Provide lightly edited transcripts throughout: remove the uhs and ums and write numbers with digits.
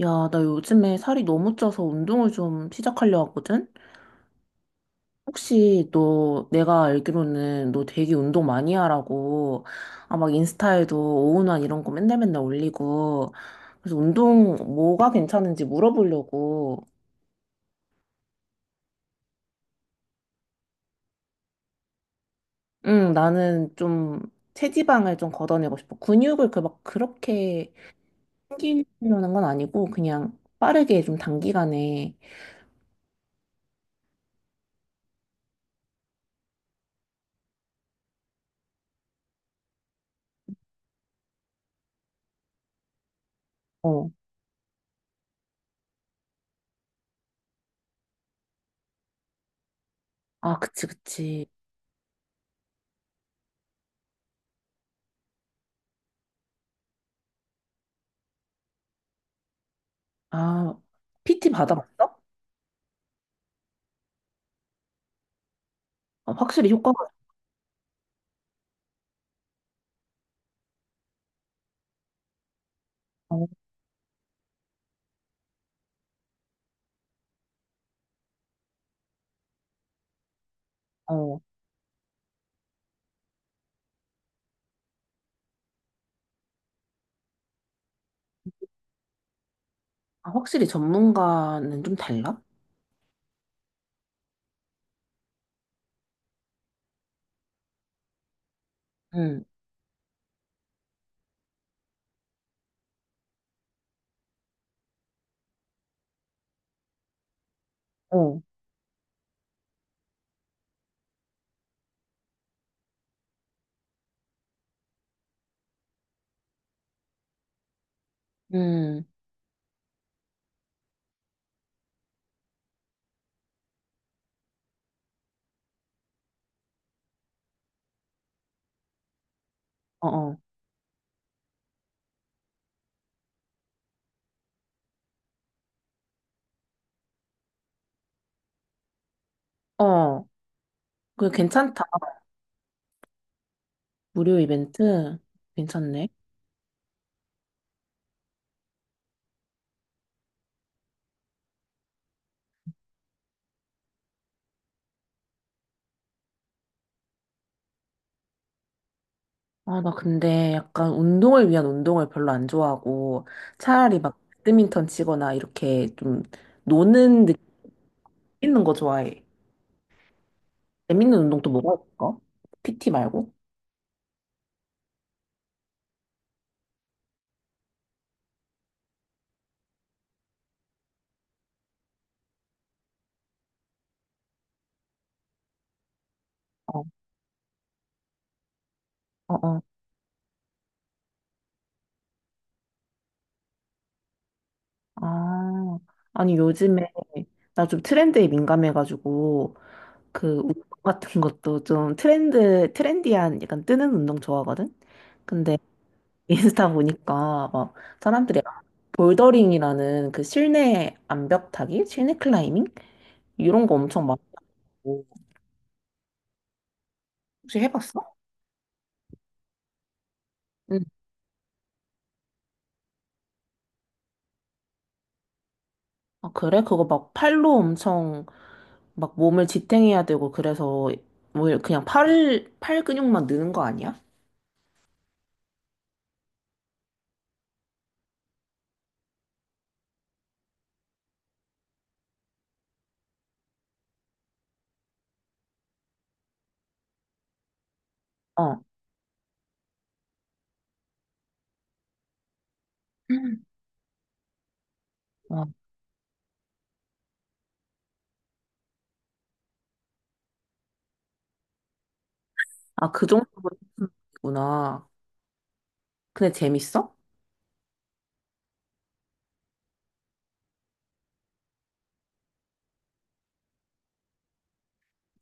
야, 나 요즘에 살이 너무 쪄서 운동을 좀 시작하려 하거든? 혹시 너, 내가 알기로는 너 되게 운동 많이 하라고, 아, 막 인스타에도 오운환 이런 거 맨날 맨날 올리고, 그래서 운동 뭐가 괜찮은지 물어보려고, 응, 나는 좀 체지방을 좀 걷어내고 싶어. 근육을 그 막 그렇게 생기려는 건 아니고, 그냥 빠르게 좀 단기간에, 어, 아, 그치, 그치. 아, PT 받아봤어? 아, 확실히 효과가 있어. 어. 아, 확실히 전문가는 좀 달라? 응, 어, 응, 어, 어, 어. 그 괜찮다. 무료 이벤트? 괜찮네. 아, 나 근데 약간 운동을 위한 운동을 별로 안 좋아하고 차라리 막 배드민턴 치거나 이렇게 좀 노는 느낌 있는 거 좋아해. 재밌는 운동 또 뭐가 있을까? PT 말고? 어, 어, 어. 아, 아니 요즘에 나 좀 트렌드에 민감해가지고 그 운동 같은 것도 좀 트렌드 트렌디한 약간 뜨는 운동 좋아하거든. 근데 인스타 보니까 막 사람들이 볼더링이라는 그 실내 암벽 타기, 실내 클라이밍 이런 거 엄청 많고 혹시 해봤어? 응. 아, 그래? 그거 막 팔로 엄청 막 몸을 지탱해야 되고 그래서 뭐 그냥 팔 근육만 느는 거 아니야? 어. 음. 어. 아, 그 정도구나. 근데 재밌어?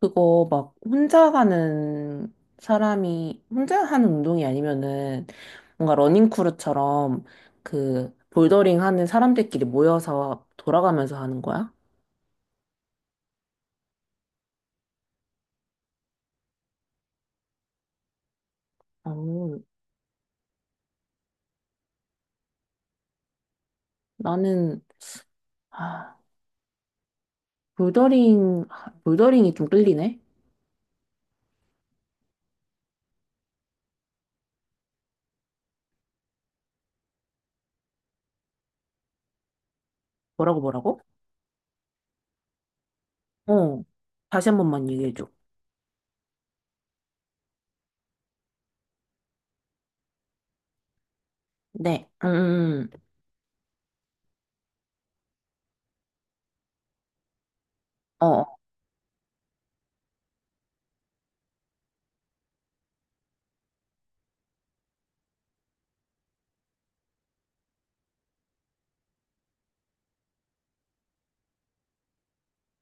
그거 막 혼자 하는 사람이 혼자 하는 운동이 아니면은 뭔가 러닝크루처럼 그 볼더링 하는 사람들끼리 모여서 돌아가면서 하는 거야? 어, 나는 아, 볼더링이 좀 끌리네. 뭐라고 뭐라고? 어. 다시 한 번만 얘기해 줘. 네. 음. 어.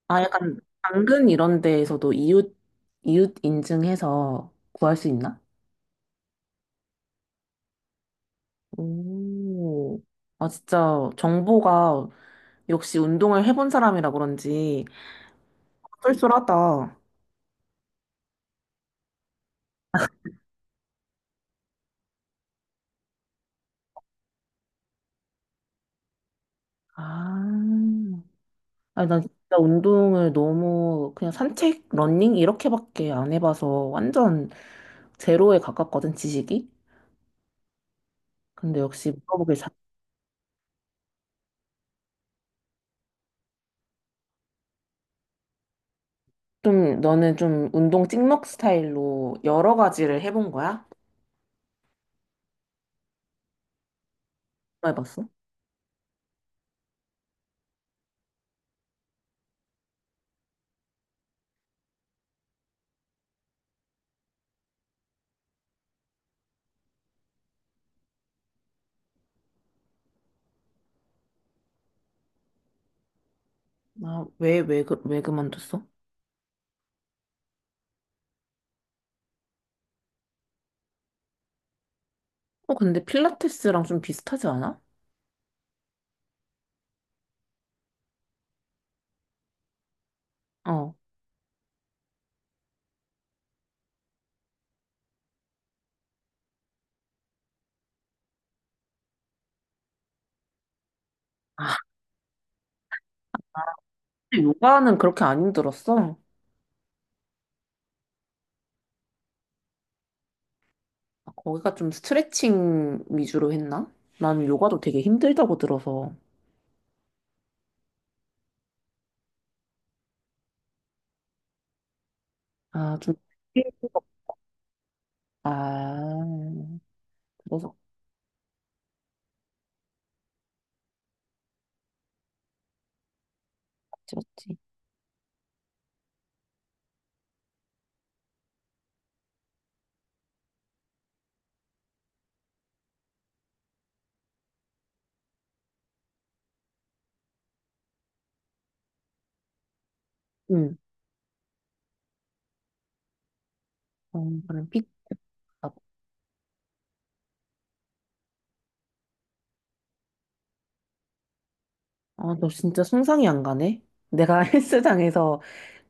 아, 약간 당근 이런 데에서도 이웃 인증해서 구할 수 있나? 오, 아, 진짜 정보가 역시 운동을 해본 사람이라 그런지 쏠쏠하다. 아, 아니, 난 진짜 운동을 너무 그냥 산책, 러닝 이렇게밖에 안 해봐서 완전 제로에 가깝거든, 지식이. 근데 역시 물어보길 잘. 좀, 너는 좀 운동 찍먹 스타일로 여러 가지를 해본 거야? 뭐 해봤어? 아, 왜 그만뒀어? 어, 근데 필라테스랑 좀 비슷하지 않아? 어. 요가는 그렇게 안 힘들었어. 아, 거기가 좀 스트레칭 위주로 했나? 나는 요가도 되게 힘들다고 들어서. 아, 좀. 아, 그래서 그렇지. 응. 어, 그럼 픽. 아, 아, 너 진짜 상상이 안 가네? 내가 헬스장에서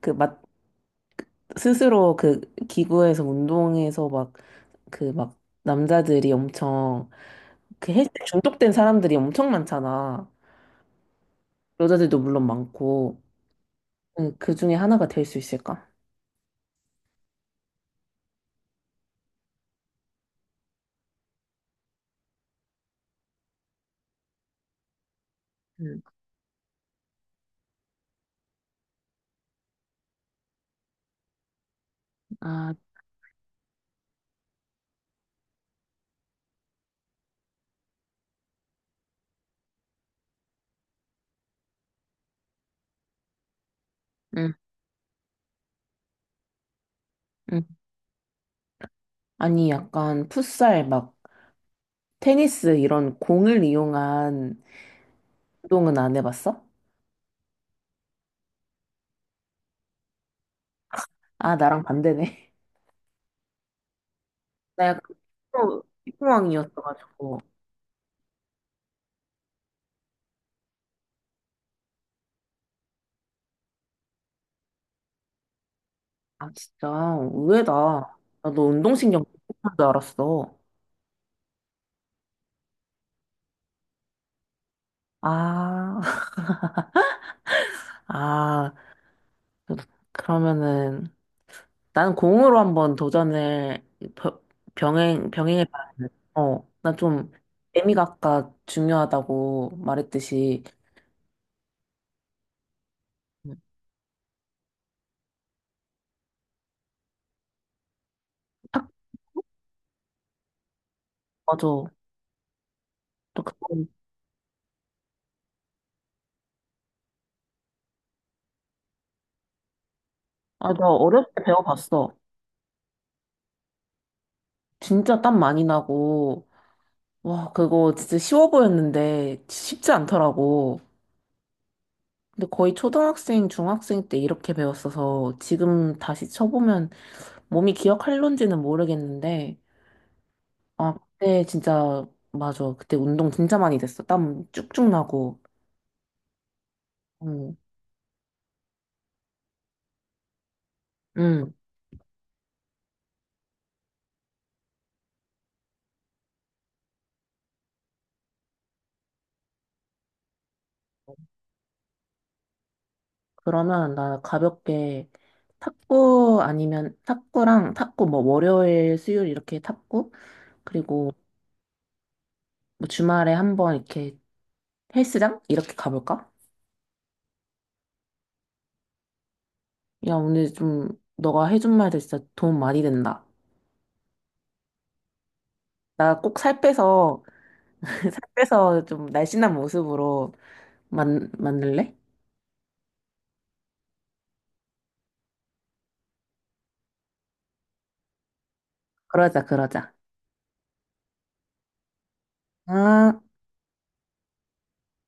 그 막 스스로 그 기구에서 운동해서 막 그 막 남자들이 엄청 그 헬스 중독된 사람들이 엄청 많잖아. 여자들도 물론 많고. 응, 그 중에 하나가 될 수 있을까? 아, 응 응. 아니, 약간 풋살, 막, 테니스 이런 공을 이용한 운동은 안 해봤어? 아, 나랑 반대네. 나 약간 피부왕이었어가지고. 아, 진짜, 의외다. 나도 운동신경 못할 줄 알았어. 아, 아, 그- 그러면은, 나는 공으로 한번 도전을 벼- 병행해봐야 돼. 어, 나 좀, 재미가 아까 중요하다고 말했듯이, 음, 탁, 맞아. 또 그거, 아, 나 어렸을 때 배워봤어. 진짜 땀 많이 나고, 와, 그거 진짜 쉬워 보였는데 쉽지 않더라고. 근데 거의 초등학생, 중학생 때 이렇게 배웠어서 지금 다시 쳐보면 몸이 기억할런지는 모르겠는데, 아, 그때 진짜, 맞아. 그때 운동 진짜 많이 됐어. 땀 쭉쭉 나고. 응, 응. 그러면 나 가볍게 탁구 아니면 탁구랑 탁구 뭐 월요일, 수요일 이렇게 탁구? 그리고 뭐 주말에 한번 이렇게 헬스장? 이렇게 가볼까? 야, 오늘 좀 너가 해준 말들 진짜 도움 많이 된다. 나 꼭 살 빼서, 살 빼서 좀 날씬한 모습으로 만들래? 그러자, 그러자. 아.